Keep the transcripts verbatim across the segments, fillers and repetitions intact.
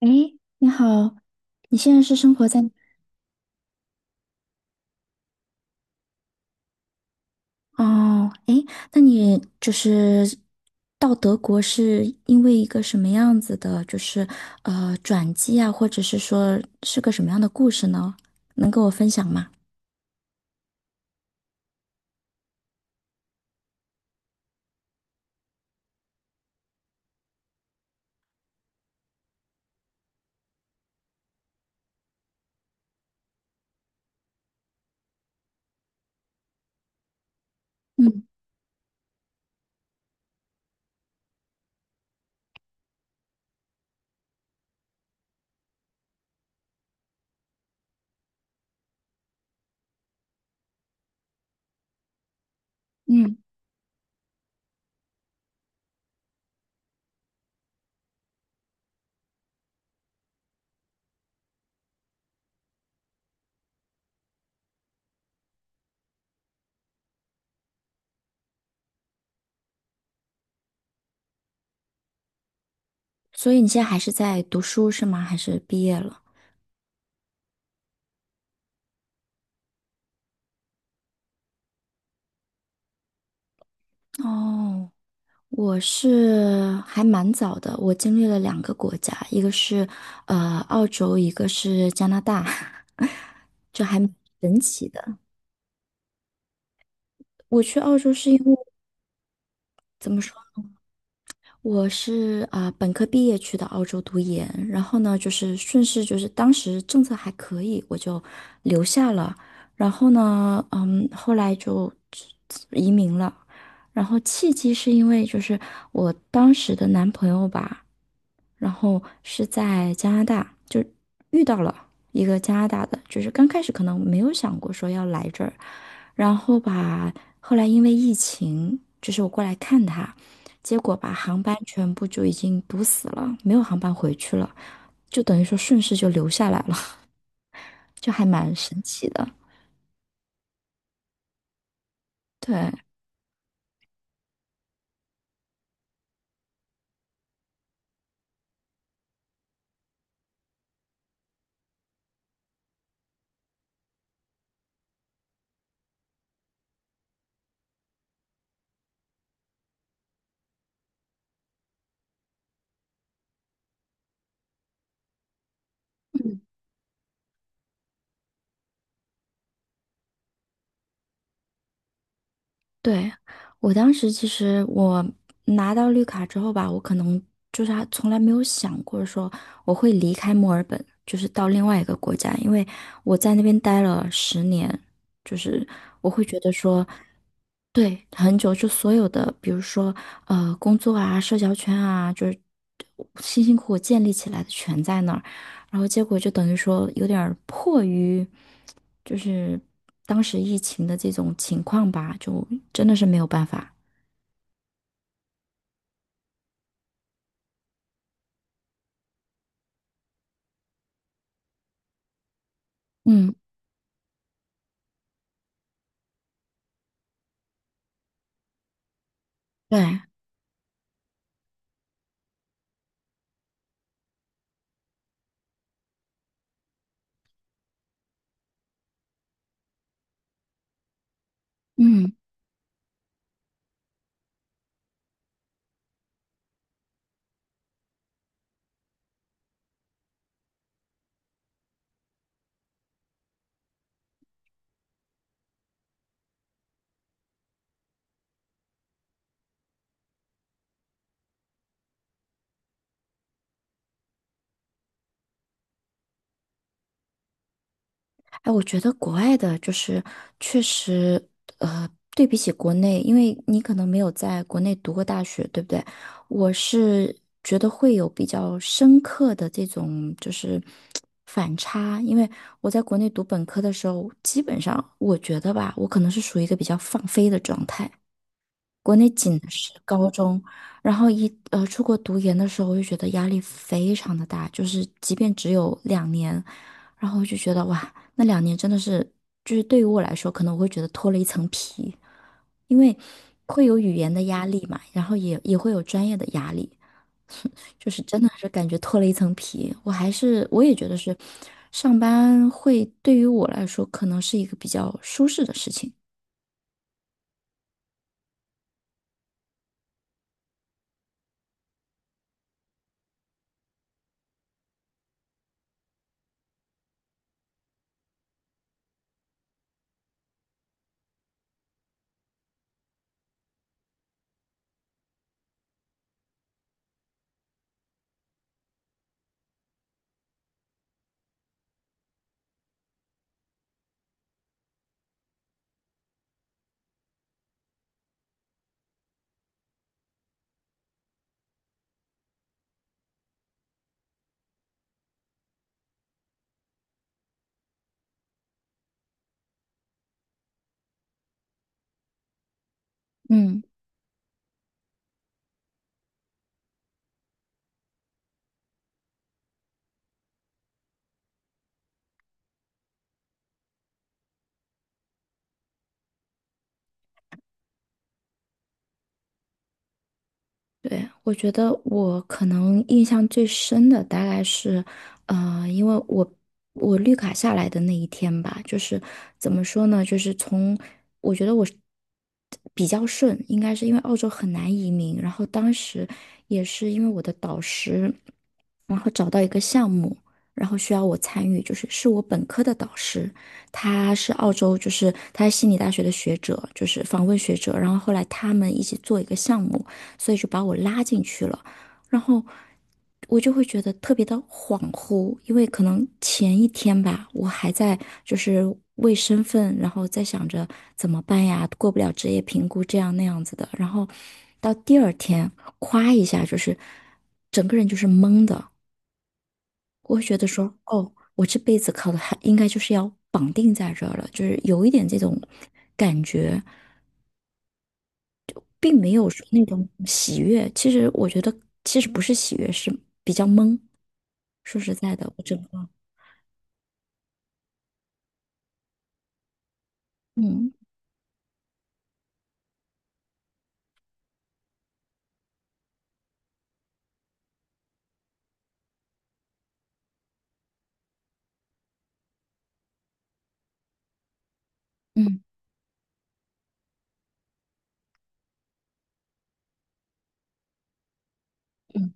哎，你好，你现在是生活在哦，哎，那你就是到德国是因为一个什么样子的，就是呃转机啊，或者是说是个什么样的故事呢？能跟我分享吗？嗯嗯，所以你现在还是在读书是吗？还是毕业了？哦，我是还蛮早的，我经历了两个国家，一个是呃澳洲，一个是加拿大，这还蛮神奇的。我去澳洲是因为怎么说？我是啊、呃本科毕业去的澳洲读研，然后呢，就是顺势就是当时政策还可以，我就留下了。然后呢，嗯，后来就移民了。然后契机是因为就是我当时的男朋友吧，然后是在加拿大就遇到了一个加拿大的，就是刚开始可能没有想过说要来这儿，然后吧，后来因为疫情，就是我过来看他，结果把航班全部就已经堵死了，没有航班回去了，就等于说顺势就留下来了，就还蛮神奇的。对，对，我当时其实我拿到绿卡之后吧，我可能就是还从来没有想过说我会离开墨尔本，就是到另外一个国家，因为我在那边待了十年，就是我会觉得说。对，很久就所有的，比如说呃，工作啊、社交圈啊，就是辛辛苦苦建立起来的全在那儿，然后结果就等于说有点儿迫于，就是当时疫情的这种情况吧，就真的是没有办法。嗯，对，嗯。哎，我觉得国外的就是确实，呃，对比起国内，因为你可能没有在国内读过大学，对不对？我是觉得会有比较深刻的这种就是反差，因为我在国内读本科的时候，基本上我觉得吧，我可能是属于一个比较放飞的状态，国内仅的是高中，然后一呃出国读研的时候，我就觉得压力非常的大，就是即便只有两年，然后我就觉得哇，那两年真的是，就是对于我来说，可能我会觉得脱了一层皮，因为会有语言的压力嘛，然后也也会有专业的压力，就是真的是感觉脱了一层皮。我还是我也觉得是，上班会对于我来说可能是一个比较舒适的事情。嗯。对，我觉得我可能印象最深的大概是，呃，因为我我绿卡下来的那一天吧，就是怎么说呢，就是从我觉得我是比较顺，应该是因为澳洲很难移民，然后当时也是因为我的导师，然后找到一个项目，然后需要我参与，就是是我本科的导师，他是澳洲，就是他是悉尼大学的学者，就是访问学者，然后后来他们一起做一个项目。所以就把我拉进去了。然后我就会觉得特别的恍惚，因为可能前一天吧，我还在就是为身份，然后在想着怎么办呀，过不了职业评估这样那样子的。然后到第二天，夸一下，就是整个人就是懵的，我会觉得说，哦，我这辈子考的还应该就是要绑定在这儿了，就是有一点这种感觉。并没有说那种喜悦。其实我觉得，其实不是喜悦，是比较懵。说实在的，我整个，嗯嗯嗯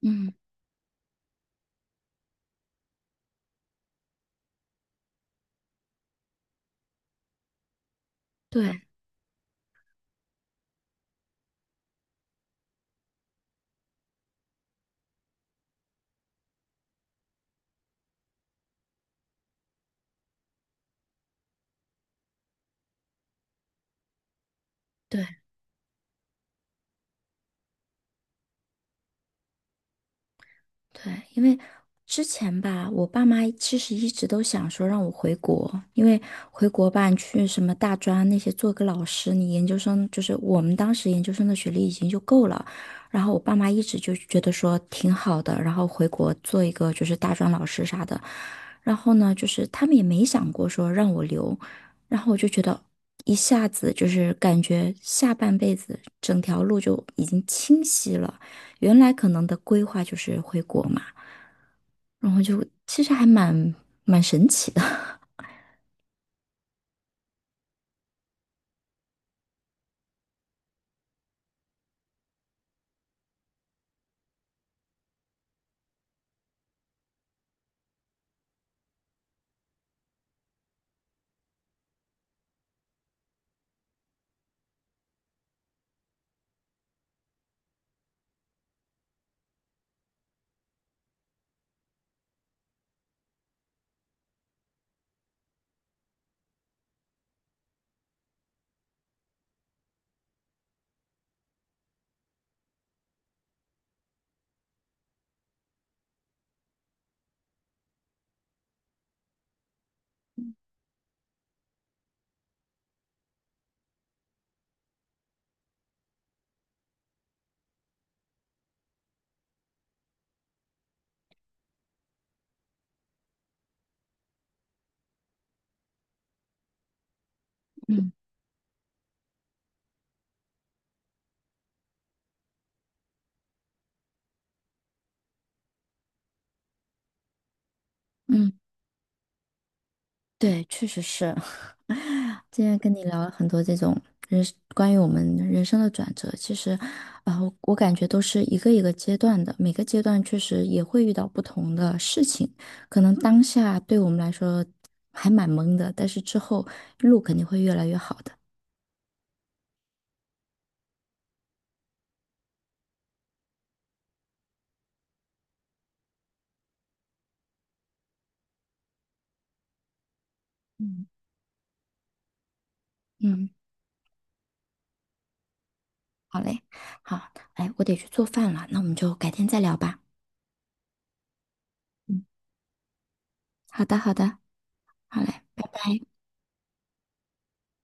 嗯，对对。对，因为之前吧，我爸妈其实一直都想说让我回国，因为回国吧，你去什么大专那些做个老师，你研究生就是我们当时研究生的学历已经就够了。然后我爸妈一直就觉得说挺好的，然后回国做一个就是大专老师啥的。然后呢，就是他们也没想过说让我留，然后我就觉得一下子就是感觉下半辈子整条路就已经清晰了。原来可能的规划就是回国嘛，然后就其实还蛮蛮神奇的。嗯嗯，对，确实是。今天跟你聊了很多这种人关于我们人生的转折，其实，啊、我我感觉都是一个一个阶段的，每个阶段确实也会遇到不同的事情，可能当下对我们来说还蛮懵的，但是之后路肯定会越来越好的。嗯嗯，好嘞，好，哎，我得去做饭了，那我们就改天再聊吧。好的，好的，好嘞，拜拜。